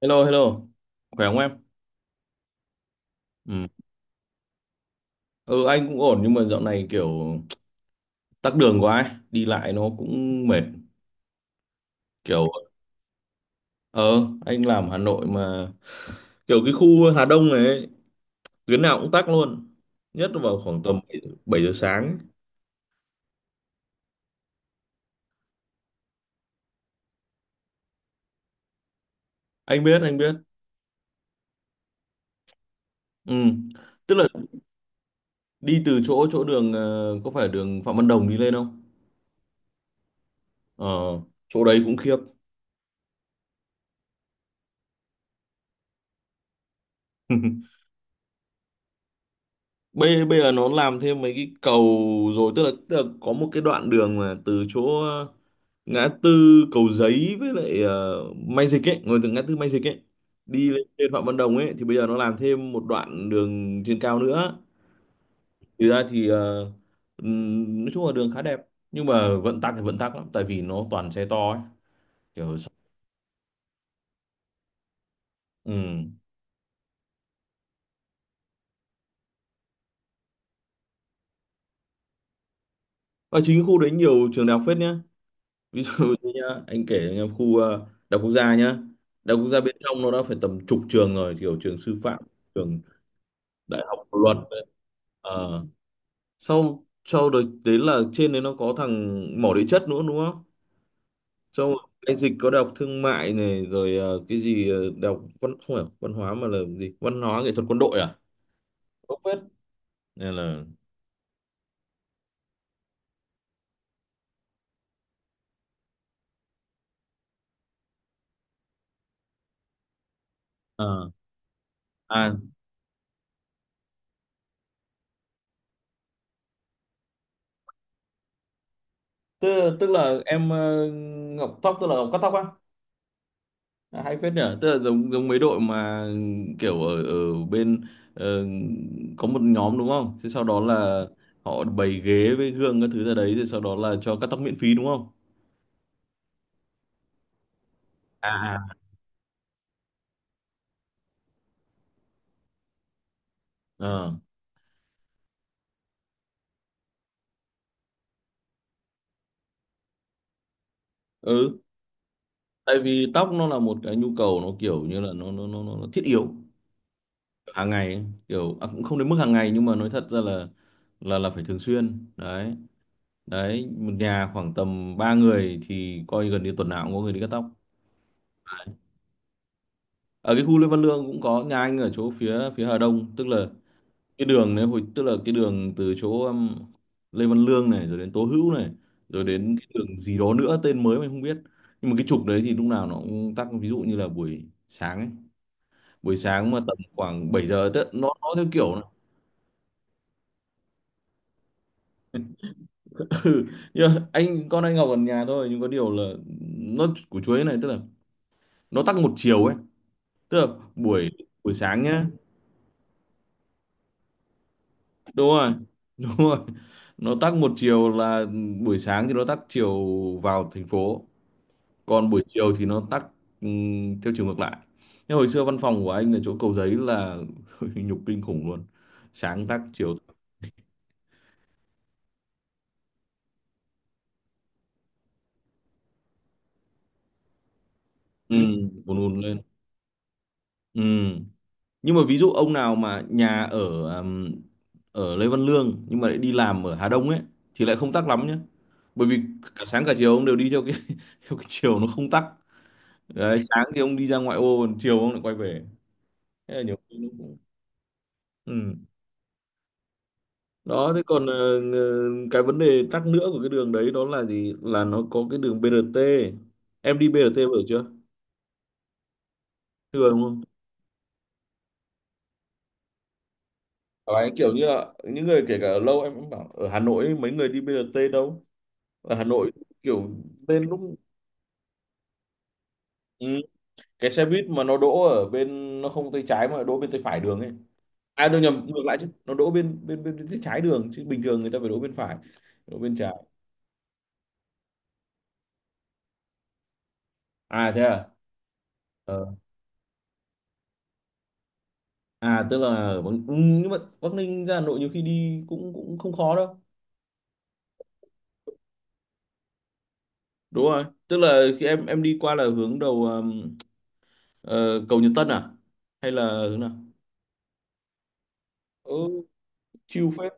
Hello, hello. Khỏe không em? Ừ. Ừ, anh cũng ổn nhưng mà dạo này kiểu tắc đường quá ấy. Đi lại nó cũng mệt. Kiểu, ờ, anh làm Hà Nội mà kiểu cái khu Hà Đông này ấy, tuyến nào cũng tắc luôn. Nhất là vào khoảng tầm bảy bảy giờ sáng. Anh biết, anh biết. Ừ. Tức là đi từ chỗ chỗ đường, có phải đường Phạm Văn Đồng đi lên không? Ờ, chỗ đấy cũng khiếp. bây bây giờ nó làm thêm mấy cái cầu rồi, tức là, có một cái đoạn đường mà từ chỗ ngã tư Cầu Giấy với lại Mai Dịch ấy, ngồi từ ngã tư Mai Dịch ấy đi lên trên Phạm Văn Đồng ấy thì bây giờ nó làm thêm một đoạn đường trên cao nữa, thì ra thì nói chung là đường khá đẹp nhưng mà vận tắc thì vận tắc lắm tại vì nó toàn xe to ấy, kiểu ừ. Ở chính cái khu đấy nhiều trường đại học phết nhá, ví dụ như nhá anh kể cho nhá, khu đại học quốc gia nhá. Đại học quốc gia bên trong nó đã phải tầm chục trường rồi, kiểu trường sư phạm, trường đại học luật, ờ, sau sau đấy, đấy là trên đấy nó có thằng mỏ địa chất nữa đúng không, sau rồi cái dịch có đại học thương mại này, rồi cái gì đại học văn, không phải văn hóa mà là gì, văn hóa nghệ thuật quân đội à, không biết, nên là ờ, à tức là em ngọc tóc tức là ngọc cắt tóc á. À, hay phết nhở, tức là giống giống mấy đội mà kiểu ở ở bên ờ, có một nhóm đúng không, thế sau đó là họ bày ghế với gương các thứ ra đấy rồi sau đó là cho cắt tóc miễn phí đúng không, à à, ờ ừ, tại vì tóc nó là một cái nhu cầu, nó kiểu như là nó thiết yếu hàng ngày ấy. Kiểu à, cũng không đến mức hàng ngày nhưng mà nói thật ra là phải thường xuyên đấy. Đấy, một nhà khoảng tầm 3 người thì coi gần như tuần nào cũng có người đi cắt tóc. Ở cái khu Lê Văn Lương cũng có, nhà anh ở chỗ phía phía Hà Đông, tức là cái đường đấy hồi, tức là cái đường từ chỗ Lê Văn Lương này, rồi đến Tố Hữu này, rồi đến cái đường gì đó nữa tên mới mình không biết, nhưng mà cái trục đấy thì lúc nào nó cũng tắc, ví dụ như là buổi sáng ấy. Buổi sáng mà tầm khoảng 7 giờ tức nó theo kiểu là- Ừ, nhưng mà anh con anh Ngọc ở nhà thôi nhưng có điều là nó của chuối này, tức là nó tắc một chiều ấy, tức là buổi buổi sáng nhá. Đúng rồi, đúng rồi, nó tắc một chiều là buổi sáng thì nó tắc chiều vào thành phố, còn buổi chiều thì nó tắc theo chiều ngược lại. Nhưng hồi xưa văn phòng của anh ở chỗ Cầu Giấy là nhục kinh khủng luôn, sáng tắc chiều tắc. Ừ, buồn buồn lên. Ừ. Nhưng mà ví dụ ông nào mà nhà ở ừm, ở Lê Văn Lương nhưng mà lại đi làm ở Hà Đông ấy thì lại không tắc lắm nhé, bởi vì cả sáng cả chiều ông đều đi theo cái theo cái chiều nó không tắc. Đấy, sáng thì ông đi ra ngoại ô còn chiều ông lại quay về, thế là nhiều khi nó cũng ừ. Đó, thế còn cái vấn đề tắc nữa của cái đường đấy đó là gì, là nó có cái đường BRT. Em đi BRT bao giờ chưa? Chưa đúng không. Đấy, kiểu như là những người kể cả ở lâu em cũng bảo, ở Hà Nội ấy, mấy người đi BRT đâu. Ở Hà Nội, kiểu lên lúc ừ. Cái xe buýt mà nó đỗ ở bên nó không tay trái, mà đỗ bên tay phải đường ấy, à đâu nhầm ngược lại chứ, nó đỗ bên bên bên bên tay trái đường chứ bình thường người ta phải đỗ bên phải, đỗ bên trái, à thế à. Ờ, à tức là ở Bắc... ừ, nhưng mà Bắc Ninh ra Hà Nội nhiều khi đi cũng cũng không khó đâu. Đúng rồi, tức là khi em đi qua là hướng đầu cầu Nhật Tân à hay là hướng nào? Ừ, chill phết.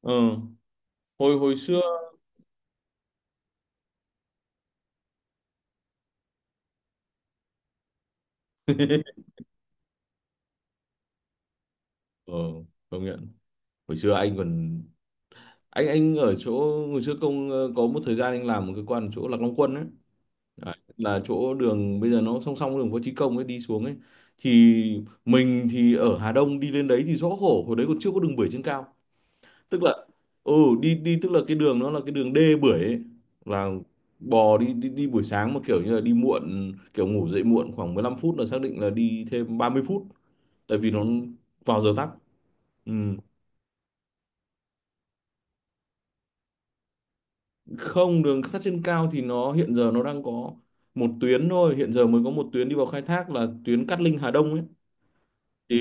Ờ, hồi hồi xưa ờ công nhận. Hồi xưa anh còn anh ở chỗ hồi xưa công có một thời gian anh làm một cái quan ở chỗ Lạc Long Quân ấy. Đấy, là chỗ đường bây giờ nó song song với đường Võ Chí Công ấy đi xuống ấy, thì mình thì ở Hà Đông đi lên đấy thì rõ khổ, hồi đấy còn chưa có đường bưởi trên cao, tức là ừ đi đi tức là cái đường nó là cái đường đê bưởi ấy. Là bò đi đi đi buổi sáng mà kiểu như là đi muộn, kiểu ngủ dậy muộn khoảng 15 phút là xác định là đi thêm 30 phút, tại vì nó vào giờ tắc. Ừ. Không, đường sắt trên cao thì nó hiện giờ nó đang có một tuyến thôi, hiện giờ mới có một tuyến đi vào khai thác là tuyến Cát Linh Hà Đông ấy, thì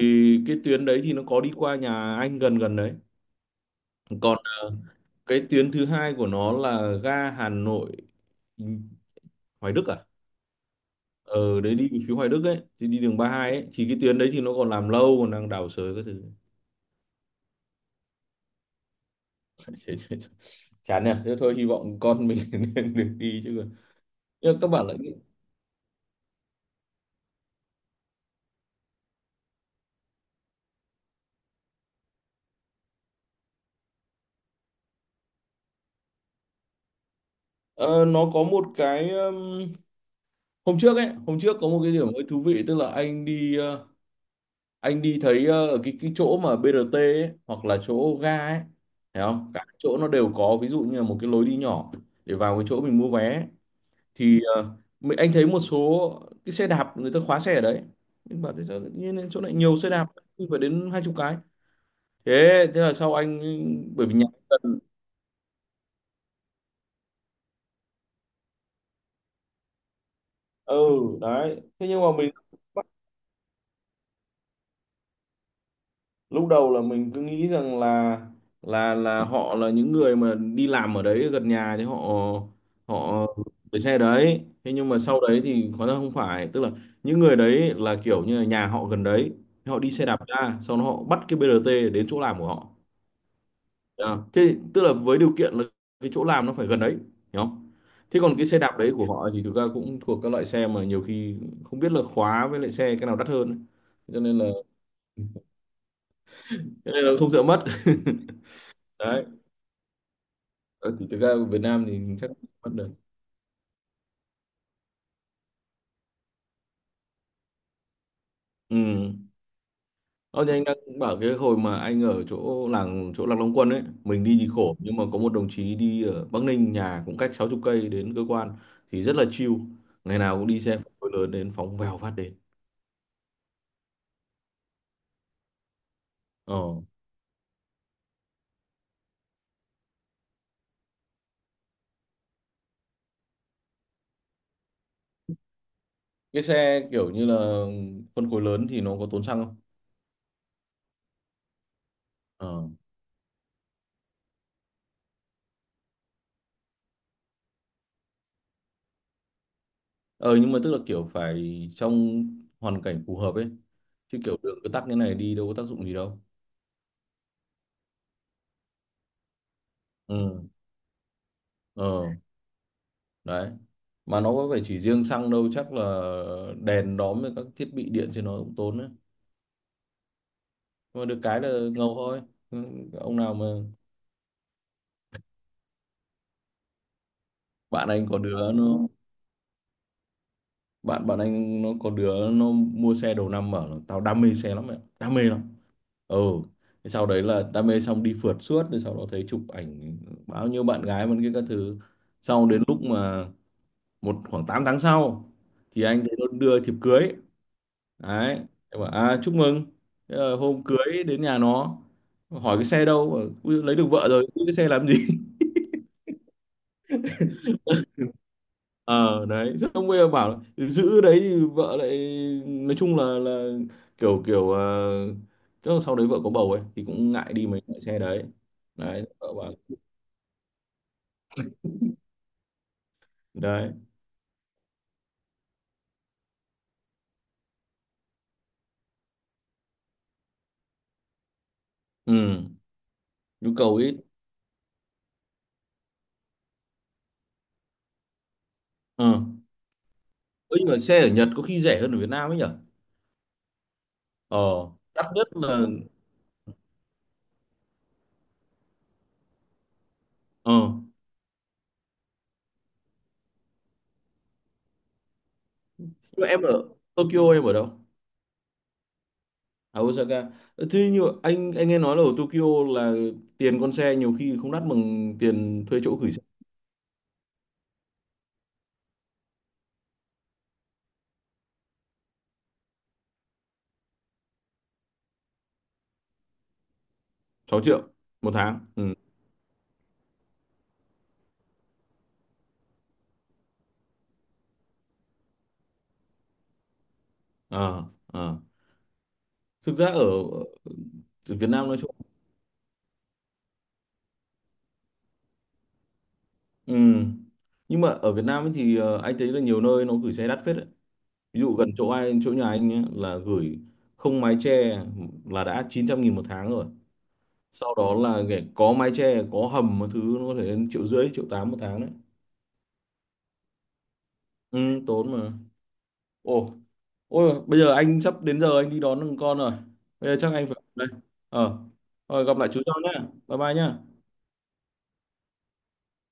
cái tuyến đấy thì nó có đi qua nhà anh gần gần đấy. Còn cái tuyến thứ hai của nó là ga Hà Nội Hoài Đức à, ờ đấy, đi về phía Hoài Đức ấy thì đi đường 32 ấy, thì cái tuyến đấy thì nó còn làm lâu, còn đang đào xới các thứ. Chán nhỉ, thế thôi hy vọng con mình nên được đi chứ còn nhưng mà các bạn lại ờ, nó có một cái hôm trước ấy, hôm trước có một cái điểm hơi thú vị, tức là anh đi anh đi thấy ở cái chỗ mà BRT ấy, hoặc là chỗ ga ấy, thấy không cả chỗ nó đều có ví dụ như là một cái lối đi nhỏ để vào cái chỗ mình mua vé, thì anh thấy một số cái xe đạp người ta khóa xe ở đấy, nhưng bảo thế sao tự nhiên chỗ này nhiều xe đạp, phải đến 20 cái, thế thế là sau anh, bởi vì nhà anh gần. Ừ, đấy, thế nhưng mà mình lúc đầu là mình cứ nghĩ rằng là họ là những người mà đi làm ở đấy gần nhà thì họ họ để xe đấy, thế nhưng mà sau đấy thì hóa ra không phải, tức là những người đấy là kiểu như là nhà họ gần đấy, họ đi xe đạp ra sau đó họ bắt cái BRT đến chỗ làm của họ. À, thế tức là với điều kiện là cái chỗ làm nó phải gần đấy, hiểu không. Thế còn cái xe đạp đấy của họ thì thực ra cũng thuộc các loại xe mà nhiều khi không biết là khóa với lại xe cái nào đắt hơn ấy. Cho nên là, không sợ mất. Đấy. Ờ, thì thực ra ở Việt Nam thì chắc không mất được. Ừ. Ờ, thì anh đang bảo cái hồi mà anh ở chỗ làng chỗ Lạc Long Quân ấy, mình đi thì khổ, nhưng mà có một đồng chí đi ở Bắc Ninh nhà cũng cách 60 cây đến cơ quan thì rất là chill, ngày nào cũng đi xe phân khối lớn đến phóng vèo phát đến. ờ cái xe kiểu như là phân khối lớn thì nó có tốn xăng không. ờ ờ nhưng mà tức là kiểu phải trong hoàn cảnh phù hợp ấy, chứ kiểu đường cứ tắc như này đi đâu có tác dụng gì đâu. Ừ. ờ Đấy, mà nó có phải chỉ riêng xăng đâu, chắc là đèn đóm với các thiết bị điện trên nó cũng tốn đấy, nhưng mà được cái là ngầu thôi. Ừ, ông nào mà bạn anh có đứa nó, bạn bạn anh nó có đứa nó mua xe đầu năm bảo là tao đam mê xe lắm mẹ, đam mê lắm. Ừ. Thế sau đấy là đam mê xong đi phượt suốt, rồi sau đó thấy chụp ảnh bao nhiêu bạn gái vẫn kia các thứ, sau đến lúc mà một khoảng 8 tháng sau thì anh thấy nó đưa thiệp cưới. Đấy, em bảo à chúc mừng. Thế là hôm cưới đến nhà nó hỏi cái xe đâu, bảo, "Ui, lấy được vợ rồi giữ cái xe làm gì." Ờ Đấy, rất ông bây bảo là, giữ đấy thì vợ lại nói chung là kiểu kiểu ờ, chắc là sau đấy vợ có bầu ấy thì cũng ngại đi mấy loại xe đấy. Đấy vợ bảo. Đấy. Ừ. Nhu cầu ít. Ờ ừ. Nhưng mà xe ở Nhật có khi rẻ hơn ở Việt Nam ấy nhở. ờ Đắt nhất là. ờ nhưng mà em ở Tokyo, em ở đâu? À, Osaka. Ờ, thế như anh nghe nói là ở Tokyo là tiền con xe nhiều khi không đắt bằng tiền thuê chỗ gửi xe, 6 triệu một tháng. Ừ. ờ ờ Thực ra ở ở Việt Nam nói chung. Ừ, nhưng mà ở Việt Nam ấy thì anh thấy là nhiều nơi nó gửi xe đắt phết đấy. Ví dụ gần chỗ anh chỗ nhà anh nhé, là gửi không mái che là đã 900.000 một tháng rồi, sau đó là để có mái che có hầm một thứ nó có thể lên triệu rưỡi triệu tám một tháng đấy. Ừ, tốn mà. Ồ, ôi bây giờ anh sắp đến giờ anh đi đón con rồi, bây giờ chắc anh phải đây. ờ Rồi gặp lại chú sau nhé, bye bye nhé.